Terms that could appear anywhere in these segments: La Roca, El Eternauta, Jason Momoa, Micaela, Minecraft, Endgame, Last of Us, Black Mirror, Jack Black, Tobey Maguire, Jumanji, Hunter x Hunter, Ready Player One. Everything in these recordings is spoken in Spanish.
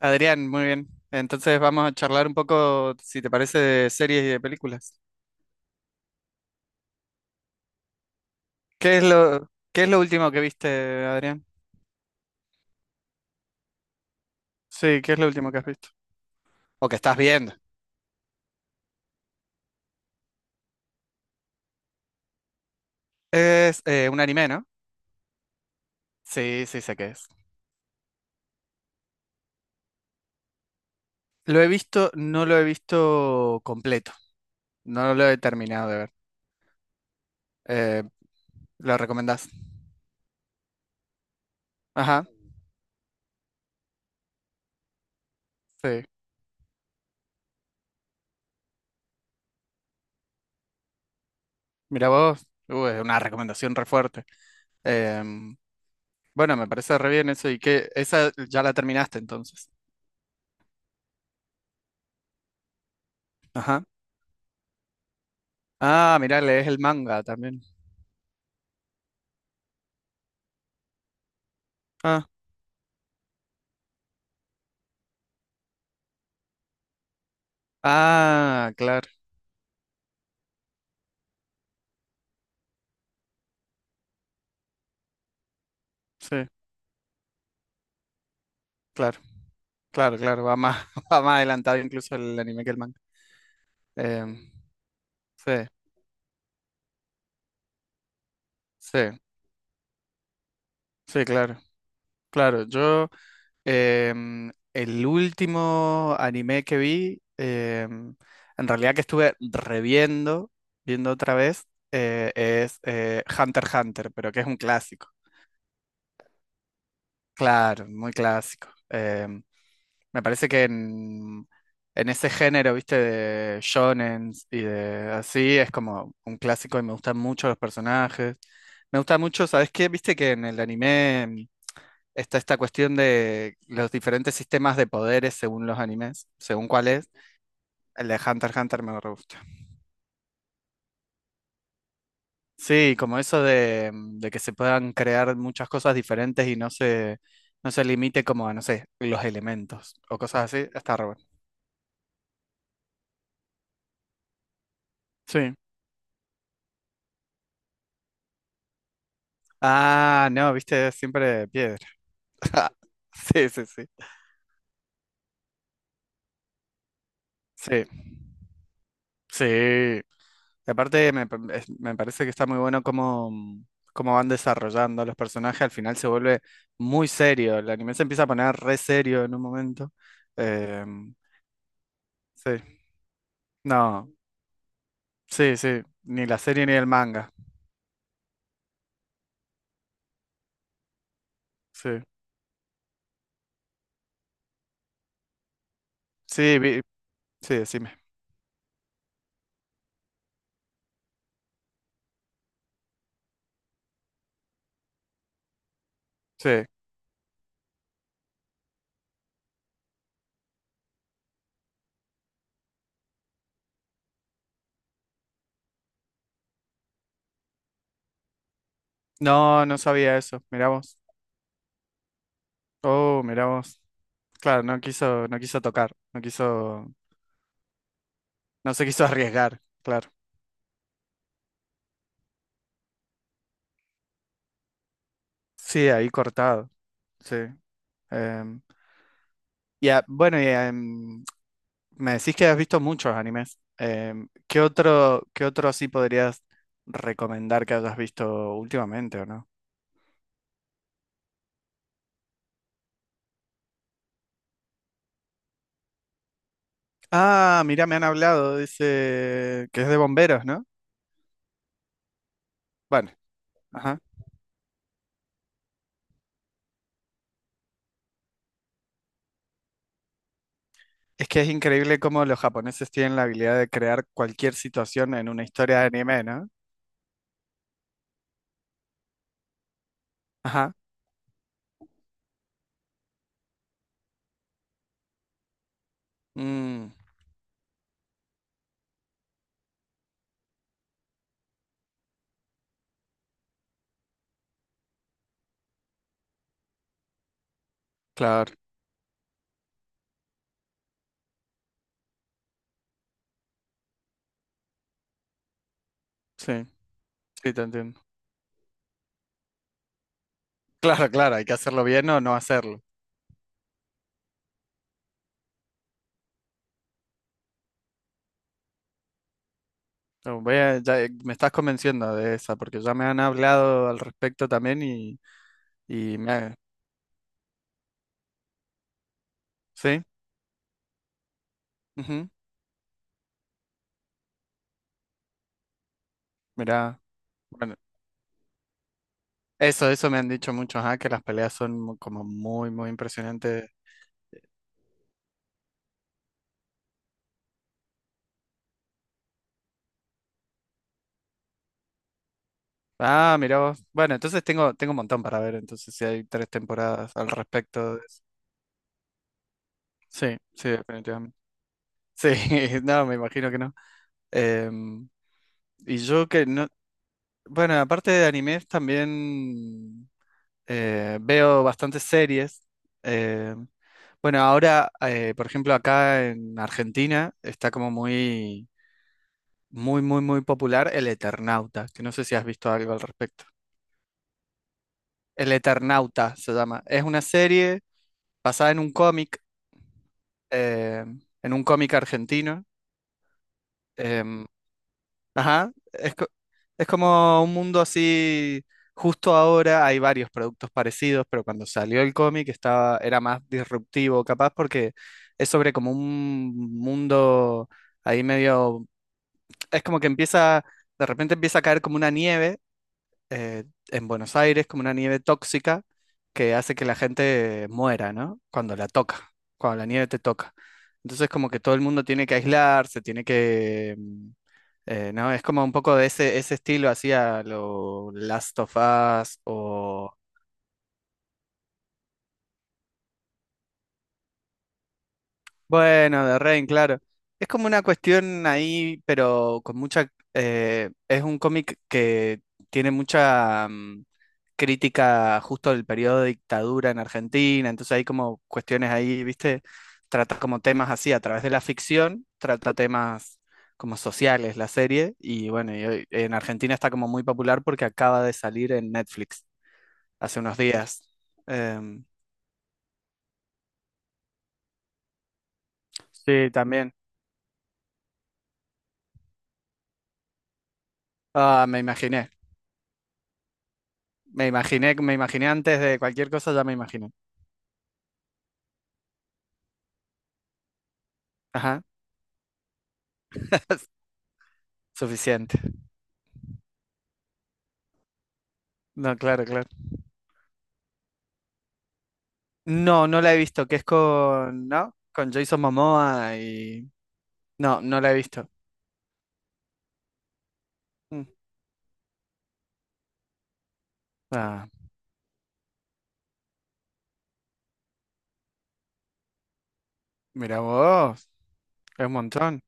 Adrián, muy bien. Entonces vamos a charlar un poco, si te parece, de series y de películas. ¿Qué es qué es lo último que viste, Adrián? Sí, ¿qué es lo último que has visto? O que estás viendo. Es un anime, ¿no? Sí, sí, sé qué es. Lo he visto, no lo he visto completo. No lo he terminado de ver. Eh, ¿Lo recomendás? Ajá, sí. Mira vos, es una recomendación re fuerte. Em, bueno, me parece re bien eso. ¿Y que ¿Esa ya la terminaste entonces? Ah, mira, lees el manga también. Ah, ah, claro, sí, claro, claro, claro, va más, va más adelantado incluso el anime que el manga. Em, sí, sí, sí, claro, claro. El último anime que vi, en realidad que estuve reviendo, viendo otra vez, es Hunter x Hunter, pero que es un clásico. Claro, muy clásico. Me parece que en ese género, viste, de shonen y de así, es como un clásico y me gustan mucho los personajes. Me gusta mucho, ¿sabes qué? Viste que en el anime está esta cuestión de los diferentes sistemas de poderes según los animes, según cuál es. El de Hunter x Hunter me re gusta. Sí, como eso de de que se puedan crear muchas cosas diferentes y no se limite como a, no sé, los elementos o cosas así, está re bueno. Sí. Ah, no, viste, siempre piedra. Sí, sí, sí. Sí, sí. Y aparte, me parece que está muy bueno cómo cómo van desarrollando los personajes. Al final se vuelve muy serio. El anime se empieza a poner re serio en un momento. Em, sí, no, sí, sí. Ni la serie ni el manga. Sí, sí, vi- sí, decime. Sí. No, no sabía eso. Mirá vos. Oh, mirá vos. Claro, no quiso, no quiso tocar. No quiso. No se quiso arriesgar, claro. Sí, ahí cortado, sí. Em, bueno, me decís que has visto muchos animes. Qué otro así podrías recomendar que hayas visto últimamente o no? Ah, mira, me han hablado, dice que es de bomberos, ¿no? Bueno, ajá. Es que es increíble cómo los japoneses tienen la habilidad de crear cualquier situación en una historia de anime, ¿no? Ajá. Mm, claro, sí, sí, te entiendo. Claro, claro, hay que hacerlo bien o no hacerlo. No, me estás convenciendo de esa, porque ya me han hablado al respecto también y… ¿Sí? Ujú, mirá, bueno, eso me han dicho muchos, ah, que las peleas son como muy, muy impresionantes. Ah, mirá vos. Bueno, entonces tengo, tengo un montón para ver, entonces si hay tres temporadas al respecto de eso. Sí, sí, definitivamente. Sí, no, me imagino que no. Em, y yo que no... Bueno, aparte de animes, también veo bastantes series. em, Bueno, ahora, por ejemplo, acá en Argentina está como muy, muy, muy, muy popular El Eternauta, que no sé si has visto algo al respecto. El Eternauta se llama. Es una serie basada en un cómic, eh, en un cómic argentino. em, ajá, es, co- es como un mundo así, justo ahora hay varios productos parecidos, pero cuando salió el cómic estaba, era más disruptivo, capaz, porque es sobre como un mundo ahí medio es como que empieza, de repente empieza a caer como una nieve eh, en Buenos Aires, como una nieve tóxica que hace que la gente muera, ¿no? Cuando la toca, cuando la nieve te toca. Entonces como que todo el mundo tiene que aislarse, tiene que… ¿no? Es como un poco de ese estilo hacia lo Last of Us. Bueno, de Rain, claro. Es como una cuestión ahí, pero con mucha... Es un cómic que tiene mucha crítica justo del periodo de dictadura en Argentina, entonces hay como cuestiones ahí, ¿viste? Trata como temas así, a través de la ficción, trata temas como sociales la serie, y bueno, y en Argentina está como muy popular porque acaba de salir en Netflix hace unos días. Em, sí, también. Ah, me imaginé. Me imaginé, me imaginé antes de cualquier cosa, ya me imaginé. Ajá, suficiente. No, claro, claro. No, no la he visto, que es con, ¿no? Con Jason Momoa y... No, no la he visto. Mm. Ah, mira vos, es un montón.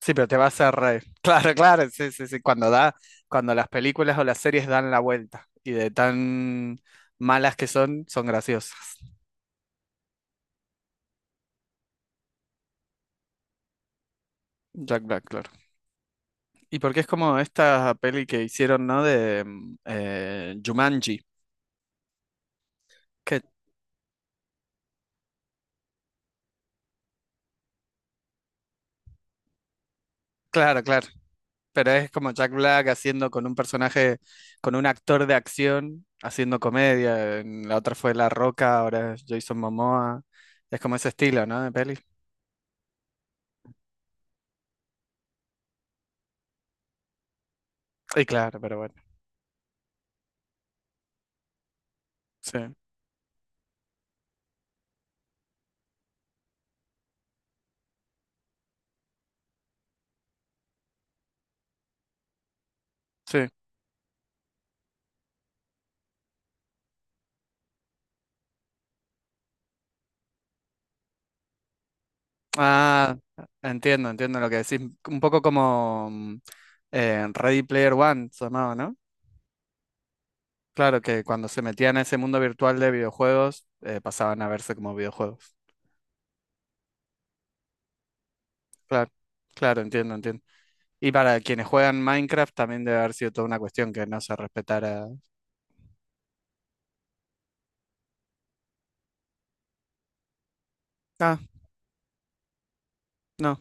Sí, pero te vas a reír. Claro, claro, sí, sí, sí. Cuando da, cuando las películas o las series dan la vuelta y de tan malas que son, son graciosas. Jack Black, claro. Y porque es como esta peli que hicieron, ¿no? De Jumanji. Que Claro, claro. Pero es como Jack Black haciendo con un personaje, con un actor de acción, haciendo comedia. En La otra fue La Roca, ahora es Jason Momoa. Es como ese estilo, ¿no? De peli. Y claro, pero bueno. Sí, sí. Ah, entiendo, entiendo lo que decís. Un poco como Ready Player One se llamaba, ¿no? Claro, que cuando se metían a ese mundo virtual de videojuegos, pasaban a verse como videojuegos. Claro, claro, entiendo, entiendo. Y para quienes juegan Minecraft también debe haber sido toda una cuestión que no se respetara. Ah, no.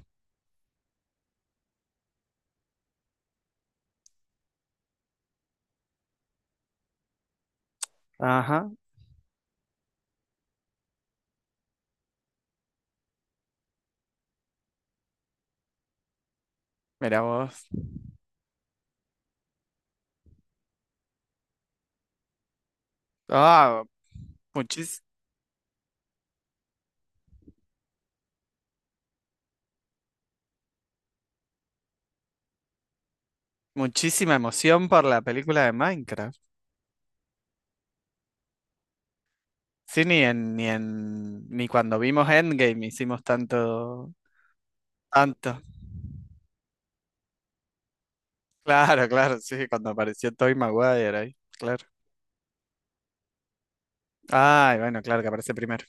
Ajá, mira vos. Ah, muchis- muchísima emoción por la película de Minecraft. Sí, ni cuando vimos Endgame hicimos tanto, tanto. Claro, claro, sí, cuando apareció Tobey Maguire ahí, claro. Ay, bueno, claro que aparece primero.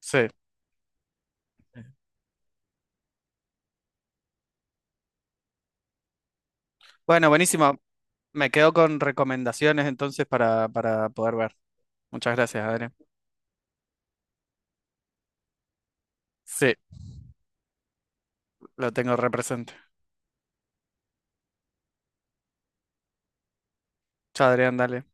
Sí. Bueno, buenísimo. Me quedo con recomendaciones entonces para poder ver. Muchas gracias, Adrián. Sí, lo tengo represente. Chadrián, dale.